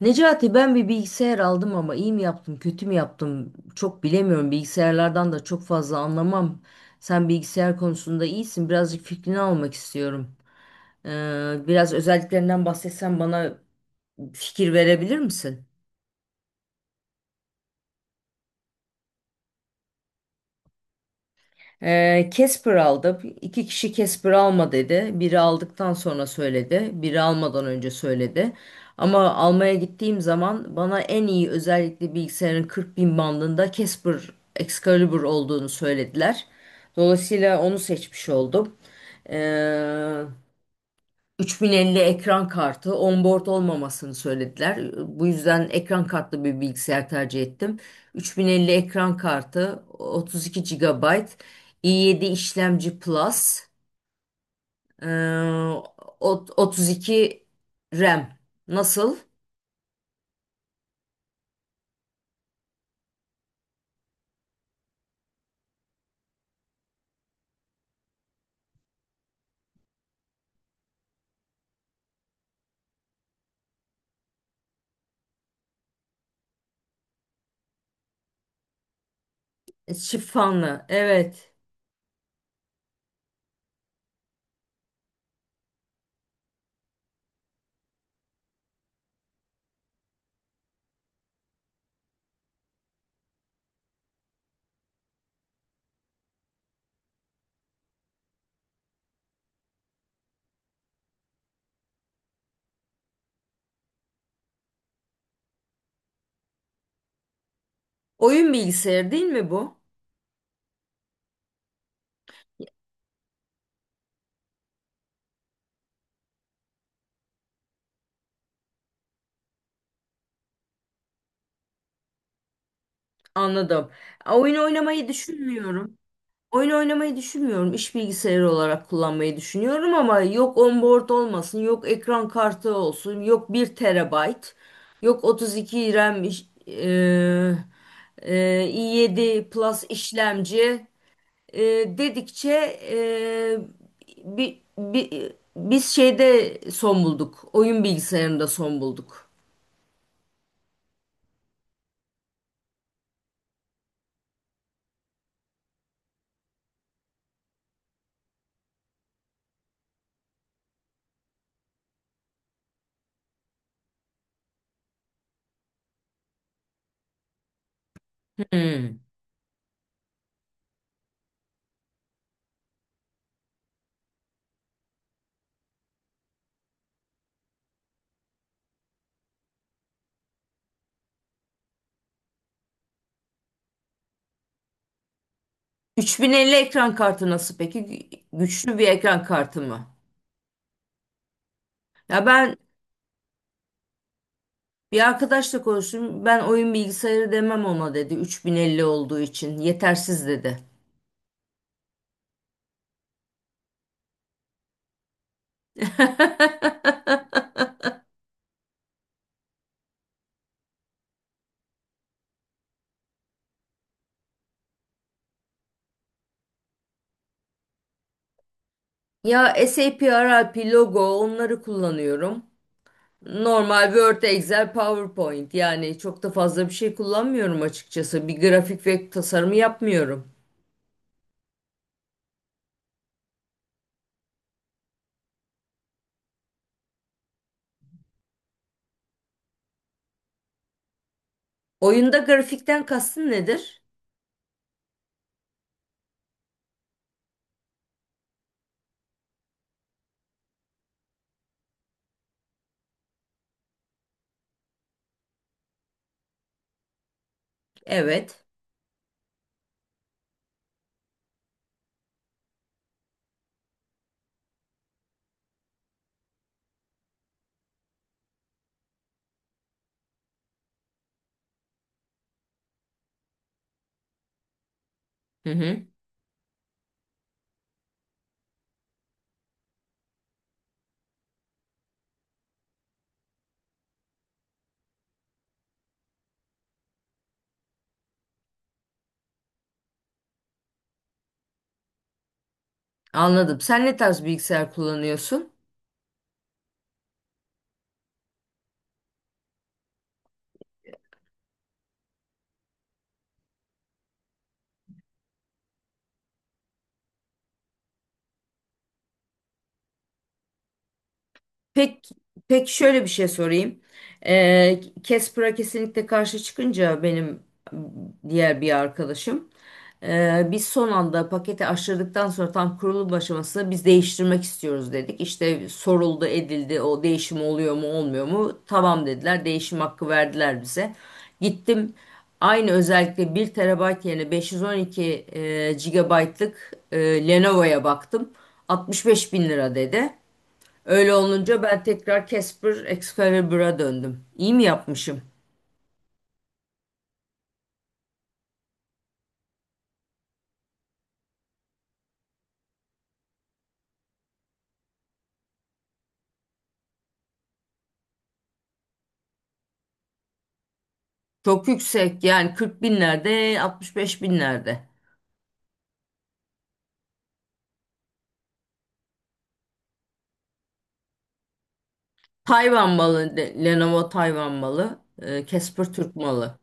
Necati, ben bir bilgisayar aldım ama iyi mi yaptım, kötü mü yaptım çok bilemiyorum. Bilgisayarlardan da çok fazla anlamam. Sen bilgisayar konusunda iyisin. Birazcık fikrini almak istiyorum. Biraz özelliklerinden bahsetsen bana fikir verebilir misin? Casper aldı. İki kişi Casper alma dedi. Biri aldıktan sonra söyledi. Biri almadan önce söyledi. Ama almaya gittiğim zaman bana en iyi özellikle bilgisayarın 40 bin bandında Casper Excalibur olduğunu söylediler. Dolayısıyla onu seçmiş oldum. Ee, 3050 ekran kartı onboard olmamasını söylediler. Bu yüzden ekran kartlı bir bilgisayar tercih ettim. 3050 ekran kartı, 32 GB, i7 işlemci Plus, eee, 32 RAM. Nasıl? Çift fanlı. Evet. Oyun bilgisayarı değil mi bu? Anladım. Oyun oynamayı düşünmüyorum. Oyun oynamayı düşünmüyorum. İş bilgisayarı olarak kullanmayı düşünüyorum ama yok onboard olmasın, yok ekran kartı olsun, yok bir terabayt, yok 32 RAM i7 Plus işlemci dedikçe biz şeyde son bulduk. Oyun bilgisayarında son bulduk. Hmm. 3050 ekran kartı nasıl peki? Güçlü bir ekran kartı mı? Ya ben Bir arkadaşla konuştum. Ben oyun bilgisayarı demem ona dedi. 3050 olduğu için yetersiz dedi. Ya SAP, RIP, logo onları kullanıyorum. Normal Word, Excel, PowerPoint, yani çok da fazla bir şey kullanmıyorum açıkçası. Bir grafik ve tasarımı yapmıyorum. Oyunda grafikten kastın nedir? Evet. Hı hı. Anladım. Sen ne tarz bilgisayar kullanıyorsun? Pek pek şöyle bir şey sorayım. Casper'a kesinlikle karşı çıkınca benim diğer bir arkadaşım, biz son anda paketi aşırdıktan sonra tam kurulum aşamasında biz değiştirmek istiyoruz dedik. İşte soruldu edildi, o değişim oluyor mu olmuyor mu? Tamam dediler, değişim hakkı verdiler bize. Gittim aynı özellikle 1 TB yerine 512 GB'lık Lenovo'ya baktım. 65 bin lira dedi. Öyle olunca ben tekrar Casper Excalibur'a döndüm. İyi mi yapmışım? Çok yüksek yani, 40 binlerde 65 binlerde. Lenovo Tayvan malı, Casper Türk malı.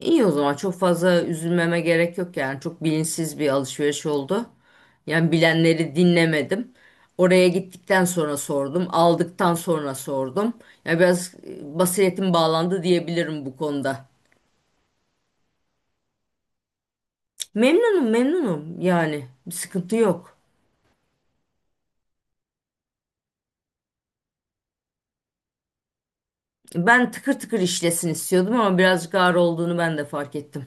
İyi, o zaman çok fazla üzülmeme gerek yok, yani çok bilinçsiz bir alışveriş oldu. Yani bilenleri dinlemedim. Oraya gittikten sonra sordum, aldıktan sonra sordum. Yani biraz basiretim bağlandı diyebilirim bu konuda. Memnunum, memnunum, yani bir sıkıntı yok. Ben tıkır tıkır işlesin istiyordum ama birazcık ağır olduğunu ben de fark ettim.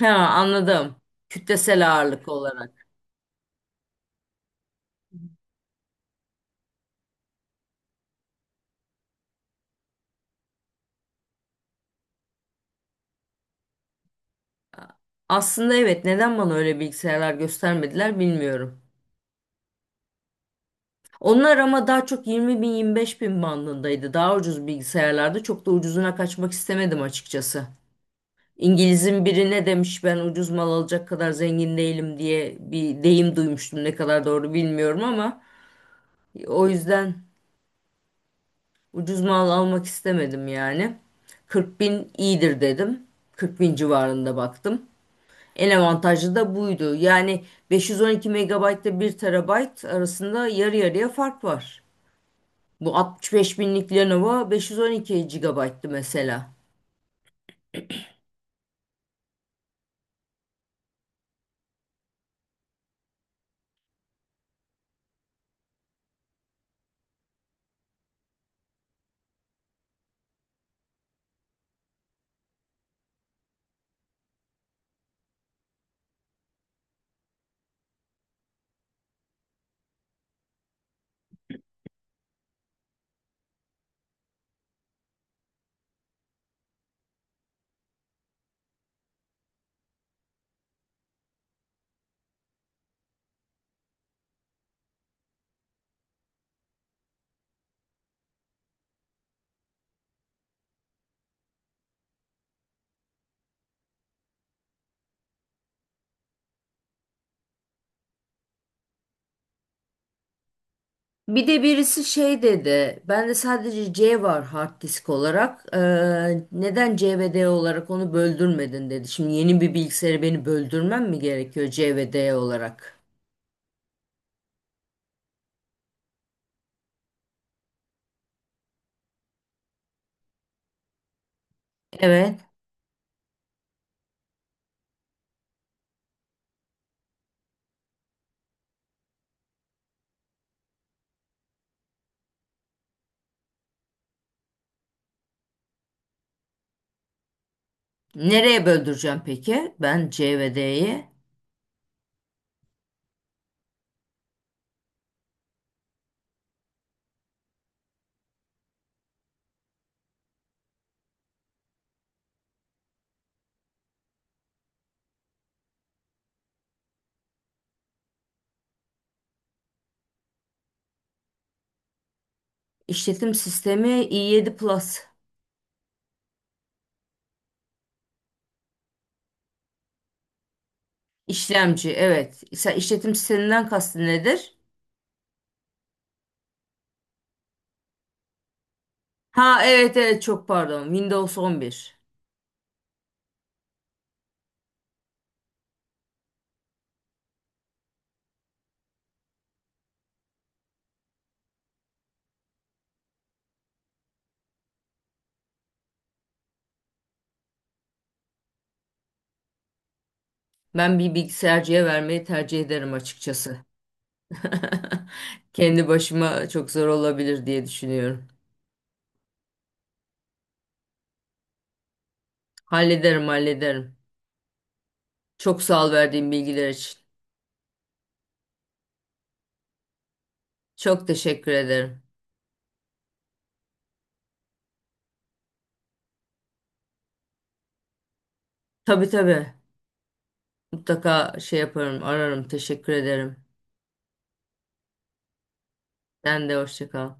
Ha, anladım. Kütlesel ağırlık olarak. Aslında evet, neden bana öyle bilgisayarlar göstermediler bilmiyorum. Onlar ama daha çok 20 bin 25 bin bandındaydı. Daha ucuz bilgisayarlarda çok da ucuzuna kaçmak istemedim açıkçası. İngiliz'in biri ne demiş, ben ucuz mal alacak kadar zengin değilim diye bir deyim duymuştum. Ne kadar doğru bilmiyorum ama, o yüzden ucuz mal almak istemedim yani. 40 bin iyidir dedim. 40 bin civarında baktım. En avantajlı da buydu. Yani 512 megabayt ile bir TB arasında yarı yarıya fark var. Bu 65 binlik Lenovo 512 GB'tı mesela. Bir de birisi şey dedi. Bende sadece C var hard disk olarak. Neden C ve D olarak onu böldürmedin dedi. Şimdi yeni bir bilgisayarı beni böldürmem mi gerekiyor C ve D olarak? Evet. Nereye böldüreceğim peki? Ben C ve D'yi. İşletim sistemi i7 Plus. İşlemci, evet. Sen işletim sisteminden kastın nedir? Ha, evet evet, çok pardon. Windows 11. Ben bir bilgisayarcıya vermeyi tercih ederim açıkçası. Kendi başıma çok zor olabilir diye düşünüyorum. Hallederim, hallederim. Çok sağ ol verdiğin bilgiler için. Çok teşekkür ederim. Tabii, tabii. Mutlaka şey yaparım, ararım. Teşekkür ederim. Sen de hoşça kal.